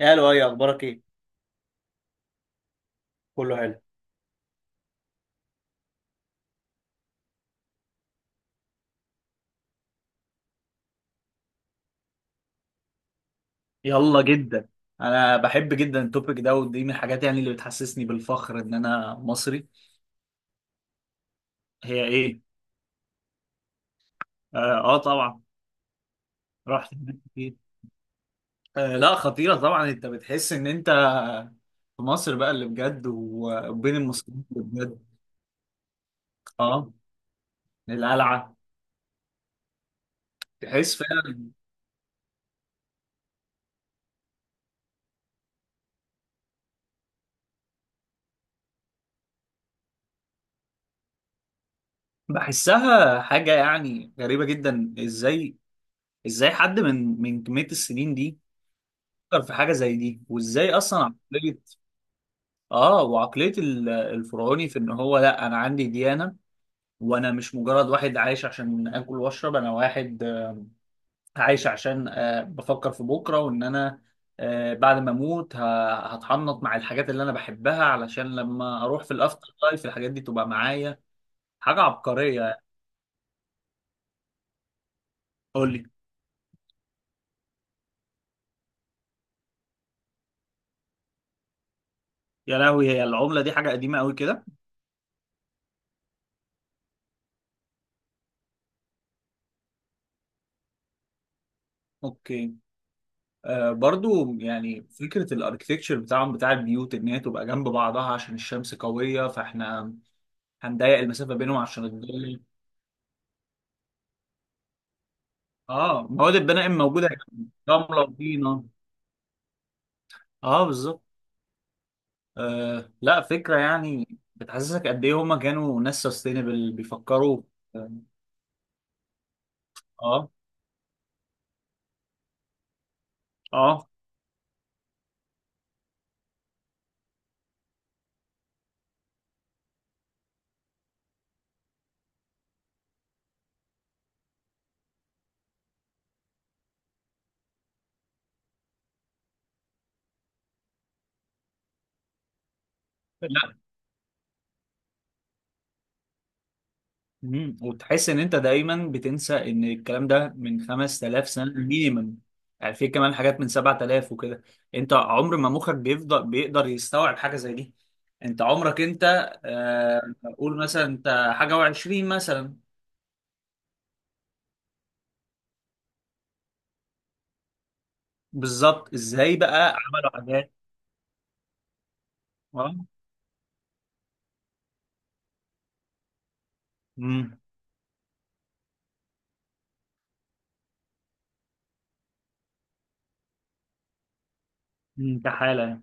يا لؤي، اخبارك ايه؟ كله حلو. يلا جدا. انا بحب جدا التوبيك ده، ودي من الحاجات يعني اللي بتحسسني بالفخر ان انا مصري. هي ايه؟ اه. آه طبعا. رحت هناك كتير. آه لا، خطيرة طبعا، انت بتحس ان انت في مصر بقى اللي بجد وبين المصريين اللي بجد. اه، القلعة. تحس فعلا. بحسها حاجة يعني غريبة جدا. ازاي حد من كمية السنين دي فكر في حاجة زي دي، وازاي اصلا. اه، وعقلية الفرعوني في ان هو، لا انا عندي ديانة، وانا مش مجرد واحد عايش عشان اكل واشرب. انا واحد عايش عشان بفكر في بكرة، وان انا بعد ما اموت هتحنط مع الحاجات اللي انا بحبها علشان لما اروح في الافتر لايف الحاجات دي تبقى معايا. حاجة عبقرية يعني. قول لي. يا لهوي، هي العملة دي حاجة قديمة قوي كده؟ اوكي. آه برضو، يعني فكرة الاركتكتشر بتاعهم بتاع البيوت ان هي تبقى جنب بعضها عشان الشمس قوية، فاحنا هنضيق المسافه بينهم عشان الجو. اه، مواد البناء موجوده، يعني رمله وطينه. اه، بالظبط. آه لا، فكره يعني بتحسسك قد ايه هما كانوا ناس سستينبل بيفكروا. اه. اه. آه. لا. مم. وتحس ان انت دايما بتنسى ان الكلام ده من 5000 سنه مينيمم. يعني في كمان حاجات من 7000 وكده. انت عمر ما مخك بيفضل بيقدر يستوعب حاجه زي دي. انت عمرك انت. آه. قول مثلا انت حاجه و20 مثلا. بالظبط، ازاي بقى عملوا حاجات؟ اه. امم. أمم، كحاله يعني.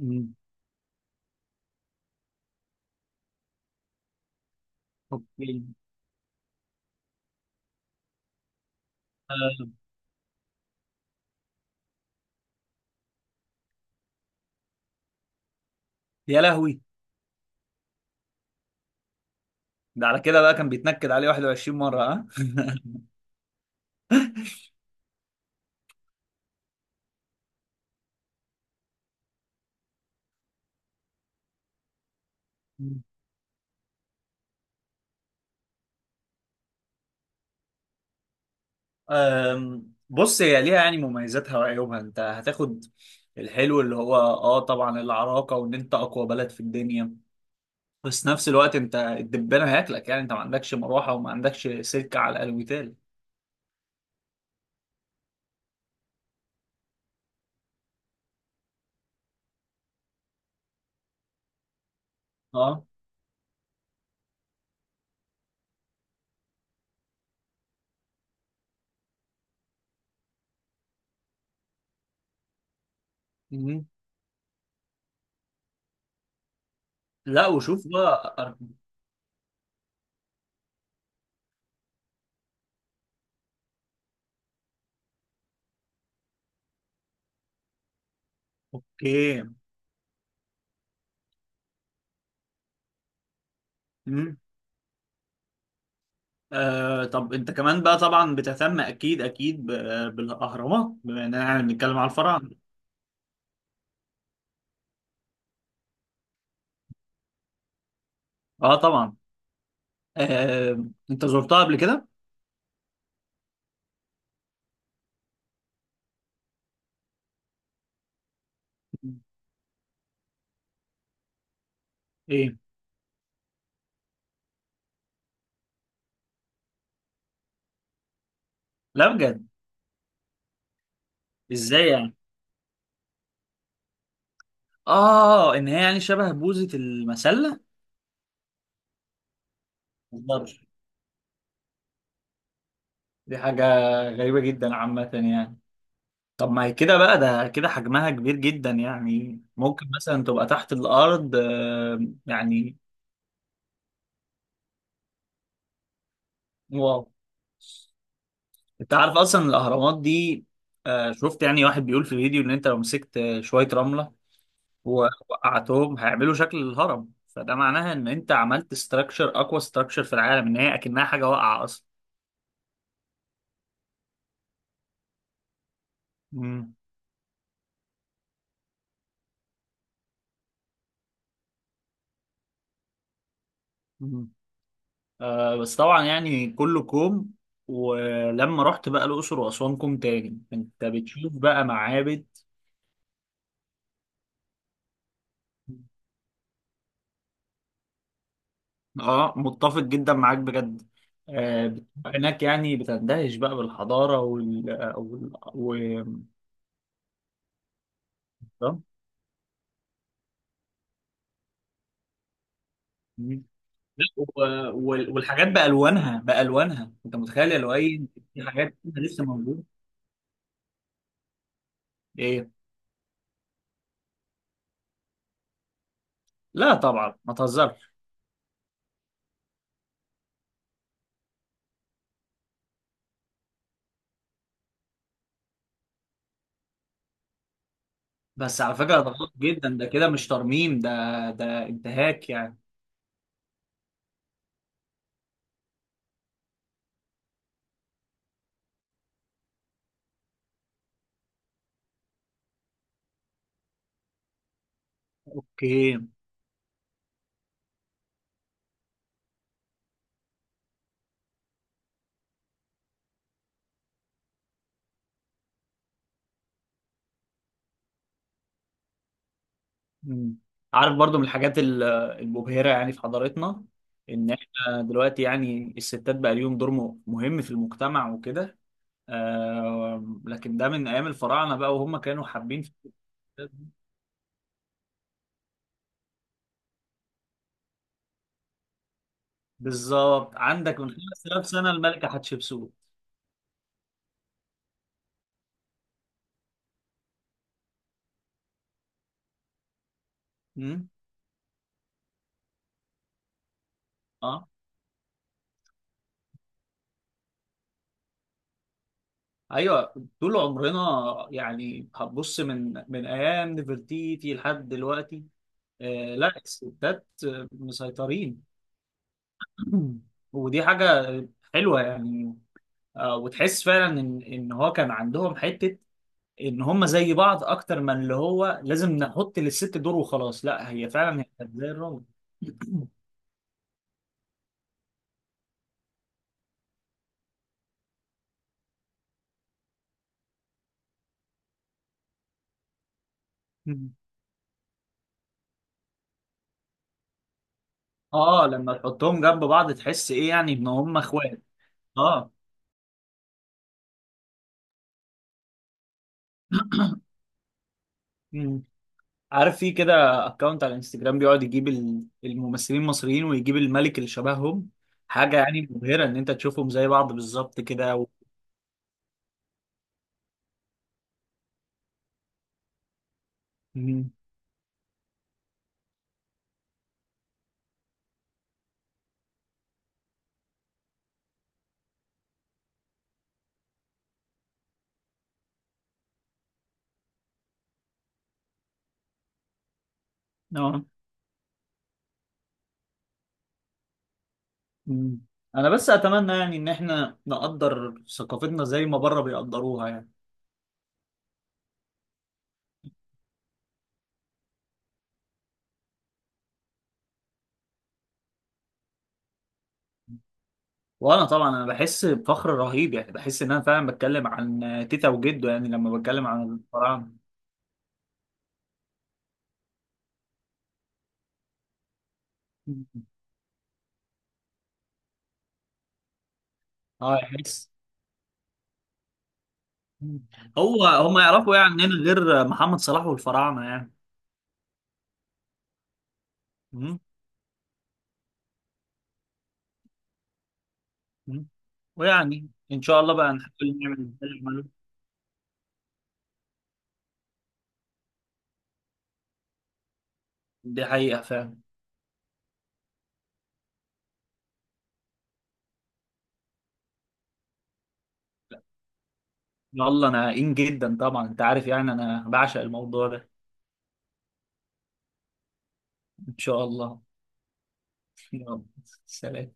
امم. اوكي. آه. يا لهوي. ده على كده بقى كان بيتنكد عليه 21 مره، ها؟ بص، هي ليها يعني مميزاتها وعيوبها. انت هتاخد الحلو اللي هو اه طبعا العراقة وان انت اقوى بلد في الدنيا، بس نفس الوقت انت الدبانة هياكلك، يعني انت ما عندكش مروحة وما عندكش سلك على القتال. اه. مم. لا، وشوف بقى. اوكي. مم. آه، طب انت كمان بقى طبعا بتهتم اكيد اكيد بالاهرامات، بما اننا يعني بنتكلم على الفراعنه. اه طبعا. آه. انت زرتها قبل كده؟ ايه؟ لا بجد. ازاي يعني؟ اه، ان هي يعني شبه بوزة المسلة. مقدرش. دي حاجة غريبة جدا عامة يعني. طب ما هي كده بقى، ده كده حجمها كبير جدا يعني، ممكن مثلا تبقى تحت الارض آه. يعني. واو. انت عارف اصلا الاهرامات دي، شفت يعني واحد بيقول في الفيديو ان انت لو مسكت شويه رمله ووقعتهم هيعملوا شكل الهرم، فده معناها ان انت عملت ستراكشر، اقوى ستراكشر في العالم، ان هي اكنها حاجه واقعه اصلا. مم. مم. آه بس طبعا يعني كله كوم، ولما رحت بقى الاقصر واسوان كوم تاني، انت بتشوف بقى معابد. اه، متفق جدا معاك بجد. آه، بتبقى هناك يعني بتندهش بقى بالحضاره. آه. لا، والحاجات بألوانها بألوانها، انت متخيل الوان. في حاجات فيها لسه موجوده. ايه؟ لا طبعا، ما تهزرش. بس على فكره ده غلط جدا، ده كده مش ترميم ده، ده انتهاك يعني. اوكي. مم. عارف برضو من الحاجات المبهره يعني في حضارتنا، ان احنا دلوقتي يعني الستات بقى ليهم دور مهم في المجتمع وكده. آه لكن ده من ايام الفراعنه بقى، وهم كانوا حابين في. بالظبط، عندك من 5000 سنه الملكه حتشبسوت. اه ايوه، طول عمرنا، يعني هتبص من ايام نفرتيتي لحد دلوقتي. آه لا، الستات مسيطرين. ودي حاجه حلوه يعني. آه، وتحس فعلا ان ان هو كان عندهم حته ان هم زي بعض اكتر من اللي هو لازم نحط للست دور وخلاص. لا، هي فعلا هي كانت زي الراجل. اه، لما تحطهم جنب بعض تحس ايه يعني، ان هم اخوات. اه، عارف في كده اكونت على الانستجرام بيقعد يجيب الممثلين المصريين ويجيب الملك اللي شبههم. حاجة يعني مبهرة ان انت تشوفهم زي بعض بالظبط كده و... مم. اه. مم. انا بس اتمنى يعني ان احنا نقدر ثقافتنا زي ما بره بيقدروها يعني. وانا طبعا انا بحس بفخر رهيب، يعني بحس ان انا فعلا بتكلم عن تيتا وجده يعني لما بتكلم عن الفراعنة. مم. اه، يحس. مم. هو هم يعرفوا يعني عننا غير محمد صلاح والفراعنة؟ يعني. مم. ويعني ان شاء الله بقى نحاول نعمل اللي نعمله. دي حقيقة فعلا. يلا، انا قايم جدا طبعا، انت عارف يعني انا بعشق الموضوع ده. ان شاء الله. يلا. سلام.